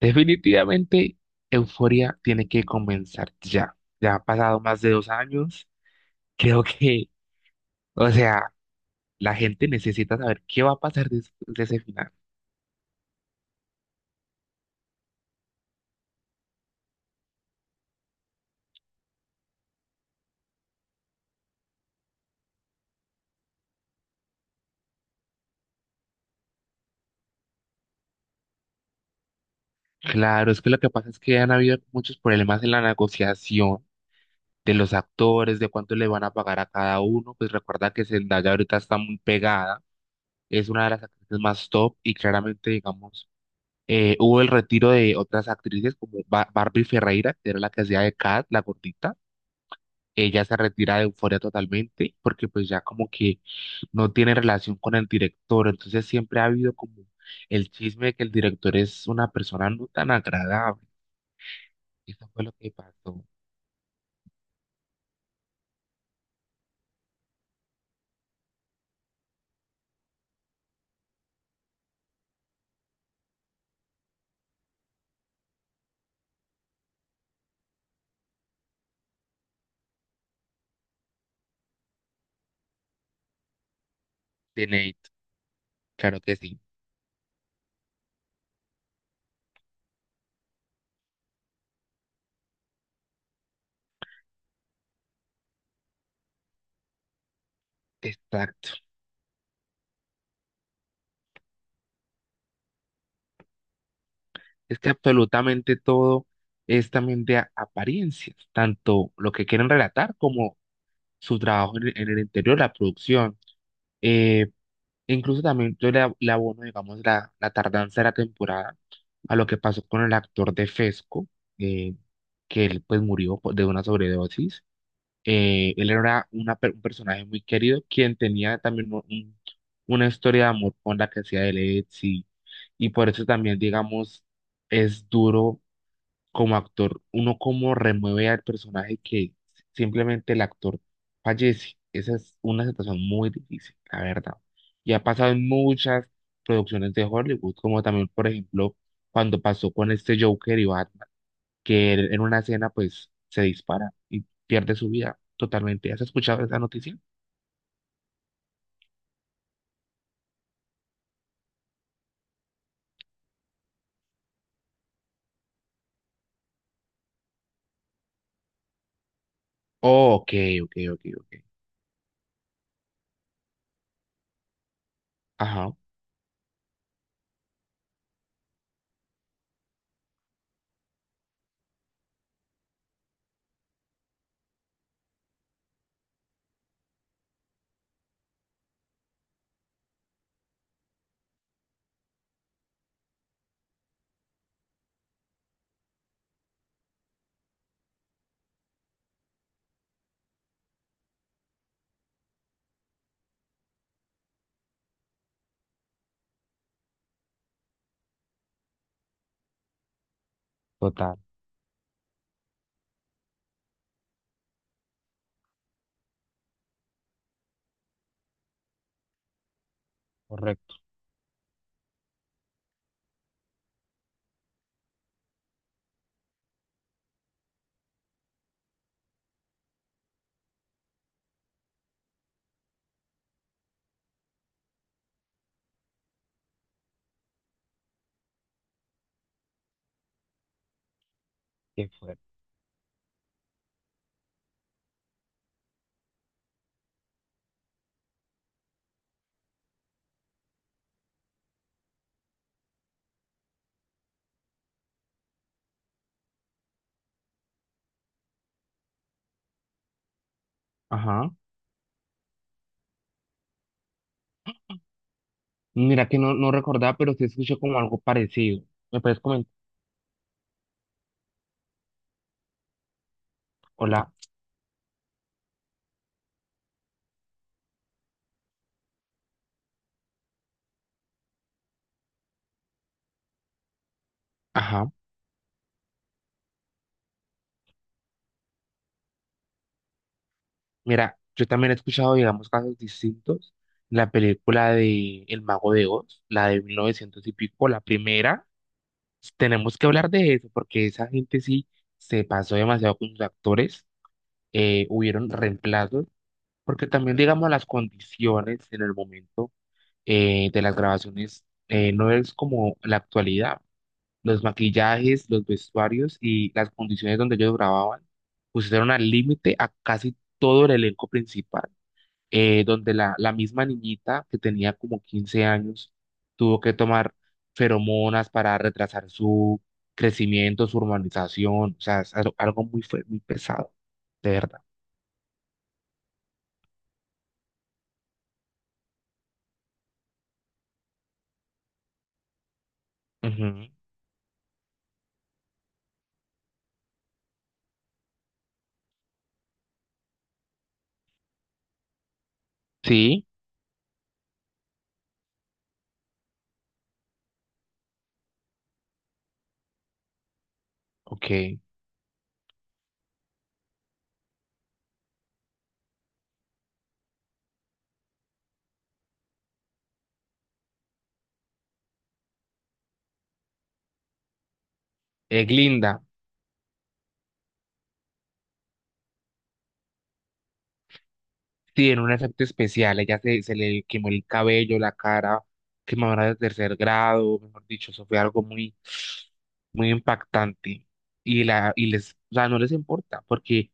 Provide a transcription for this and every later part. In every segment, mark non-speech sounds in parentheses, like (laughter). Definitivamente, Euforia tiene que comenzar ya. Ya han pasado más de 2 años. Creo que, o sea, la gente necesita saber qué va a pasar de ese final. Claro, es que lo que pasa es que han habido muchos problemas en la negociación de los actores, de cuánto le van a pagar a cada uno. Pues recuerda que Zendaya ahorita está muy pegada. Es una de las actrices más top y claramente, digamos, hubo el retiro de otras actrices como Barbie Ferreira, que era la que hacía de Kat, la gordita. Ella se retira de Euforia totalmente porque pues ya como que no tiene relación con el director, entonces siempre ha habido como el chisme de que el director es una persona no tan agradable. Eso fue lo que pasó de Nate, claro que sí, exacto. Es que absolutamente todo es también de apariencias, tanto lo que quieren relatar como su trabajo en el interior, la producción. Eh, Incluso también yo le abono, digamos, la tardanza de la temporada a lo que pasó con el actor de Fesco, eh, que él pues murió de una sobredosis. Él era un personaje muy querido, quien tenía también una historia de amor con la que hacía de Lexi, y por eso también, digamos, es duro como actor, uno cómo remueve al personaje que simplemente el actor fallece. Esa es una situación muy difícil, la verdad. Y ha pasado en muchas producciones de Hollywood, como también, por ejemplo, cuando pasó con este Joker y Batman, que él en una escena pues se dispara y pierde su vida totalmente. ¿Has escuchado esa noticia? Oh, ok, ok, ok, ok. Ajá. Total, correcto, qué fuerte. Ajá. Mira que no, no recordaba, pero sí escuché como algo parecido. ¿Me puedes comentar? Hola. Ajá. Mira, yo también he escuchado, digamos, casos distintos. La película de El Mago de Oz, la de 1900 y pico, la primera, tenemos que hablar de eso porque esa gente sí se pasó demasiado con sus actores. Hubieron reemplazos, porque también, digamos, las condiciones en el momento, de las grabaciones, no es como la actualidad. Los maquillajes, los vestuarios y las condiciones donde ellos grababan pusieron al límite a casi todo el elenco principal. Donde la misma niñita que tenía como 15 años tuvo que tomar feromonas para retrasar su crecimiento, su urbanización, o sea, es algo muy pesado, de verdad. Ujú. Sí, ok. Glinda, sí, en un efecto especial, ella se le quemó el cabello, la cara, quemadura de tercer grado, mejor dicho, eso fue algo muy, muy impactante. Y les, o sea, no les importa, porque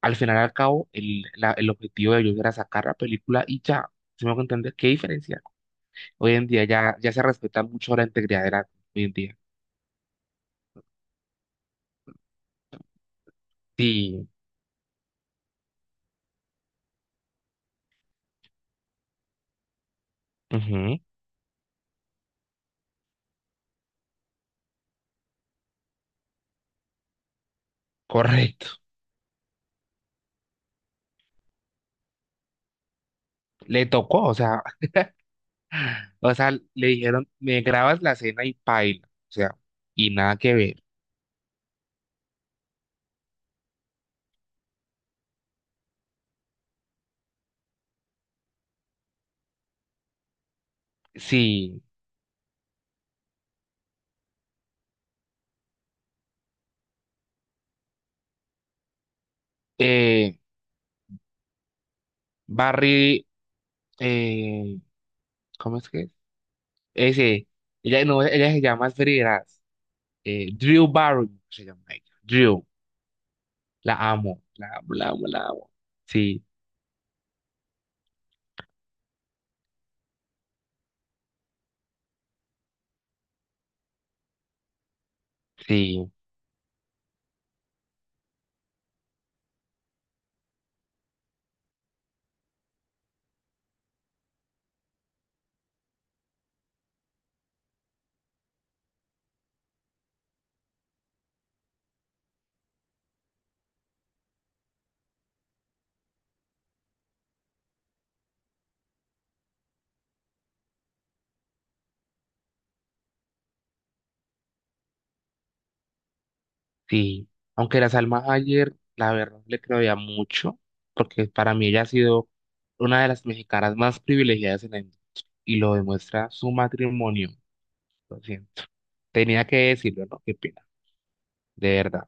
al final y al cabo, el objetivo de ellos era sacar la película y ya, si me hago entender, ¿qué diferencia? Hoy en día ya, ya se respeta mucho la integridad de la, hoy en día. Sí, ujú, correcto. Le tocó, o sea, (laughs) o sea, le dijeron, me grabas la escena y paila, o sea, y nada que ver. Sí, eh, Barry, eh, ¿cómo es que es? Ese, ella, no, ella se llama, es Drew Barry, se llama ella, Drew. La amo, la amo, la amo, la amo. Sí, sí, sí. Aunque la Salma ayer, la verdad, le creía mucho, porque para mí ella ha sido una de las mexicanas más privilegiadas en la industria y lo demuestra su matrimonio. Lo siento. Tenía que decirlo, ¿no? Qué pena. De verdad.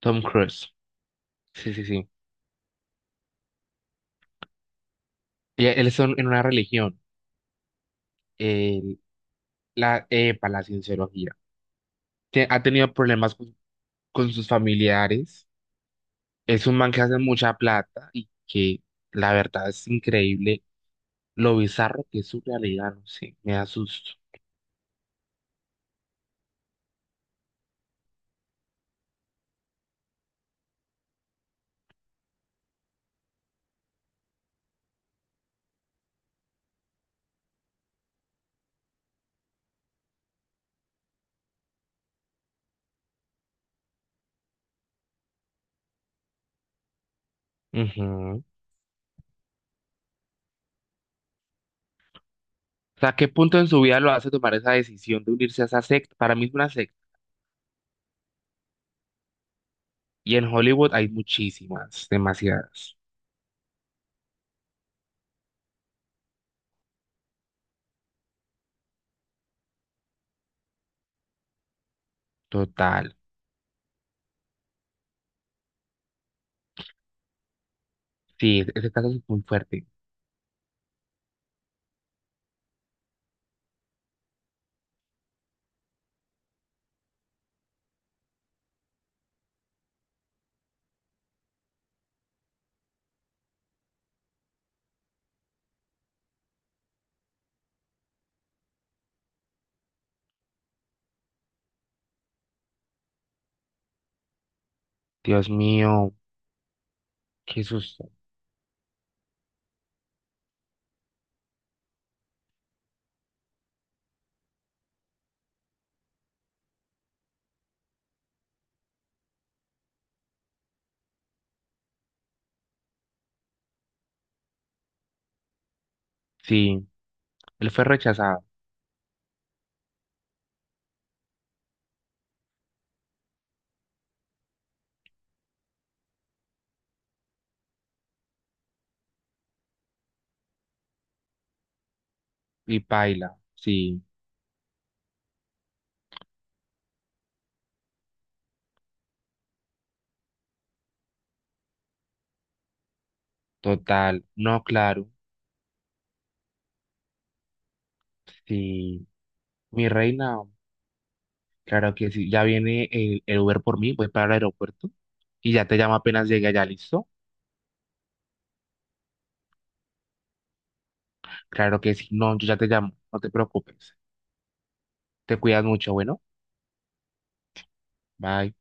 Tom Cruise. Sí, sí, sí. Y él es en una religión. eh, la, para la cienciología. Ha tenido problemas con sus familiares. Es un man que hace mucha plata y que la verdad es increíble lo bizarro que es su realidad, no sé, me asusto. Ujú. O sea, ¿qué punto en su vida lo hace tomar esa decisión de unirse a esa secta? Para mí es una secta. Y en Hollywood hay muchísimas, demasiadas. Total. Sí, ese caso es muy fuerte. Dios mío, qué susto. Sí, él fue rechazado y paila. Sí, total. No, claro. Sí, mi reina. Claro que sí, ya viene el Uber por mí, voy para el aeropuerto y ya te llamo apenas llegue allá, ¿listo? Claro que sí, no, yo ya te llamo, no te preocupes. Te cuidas mucho, bueno, bye.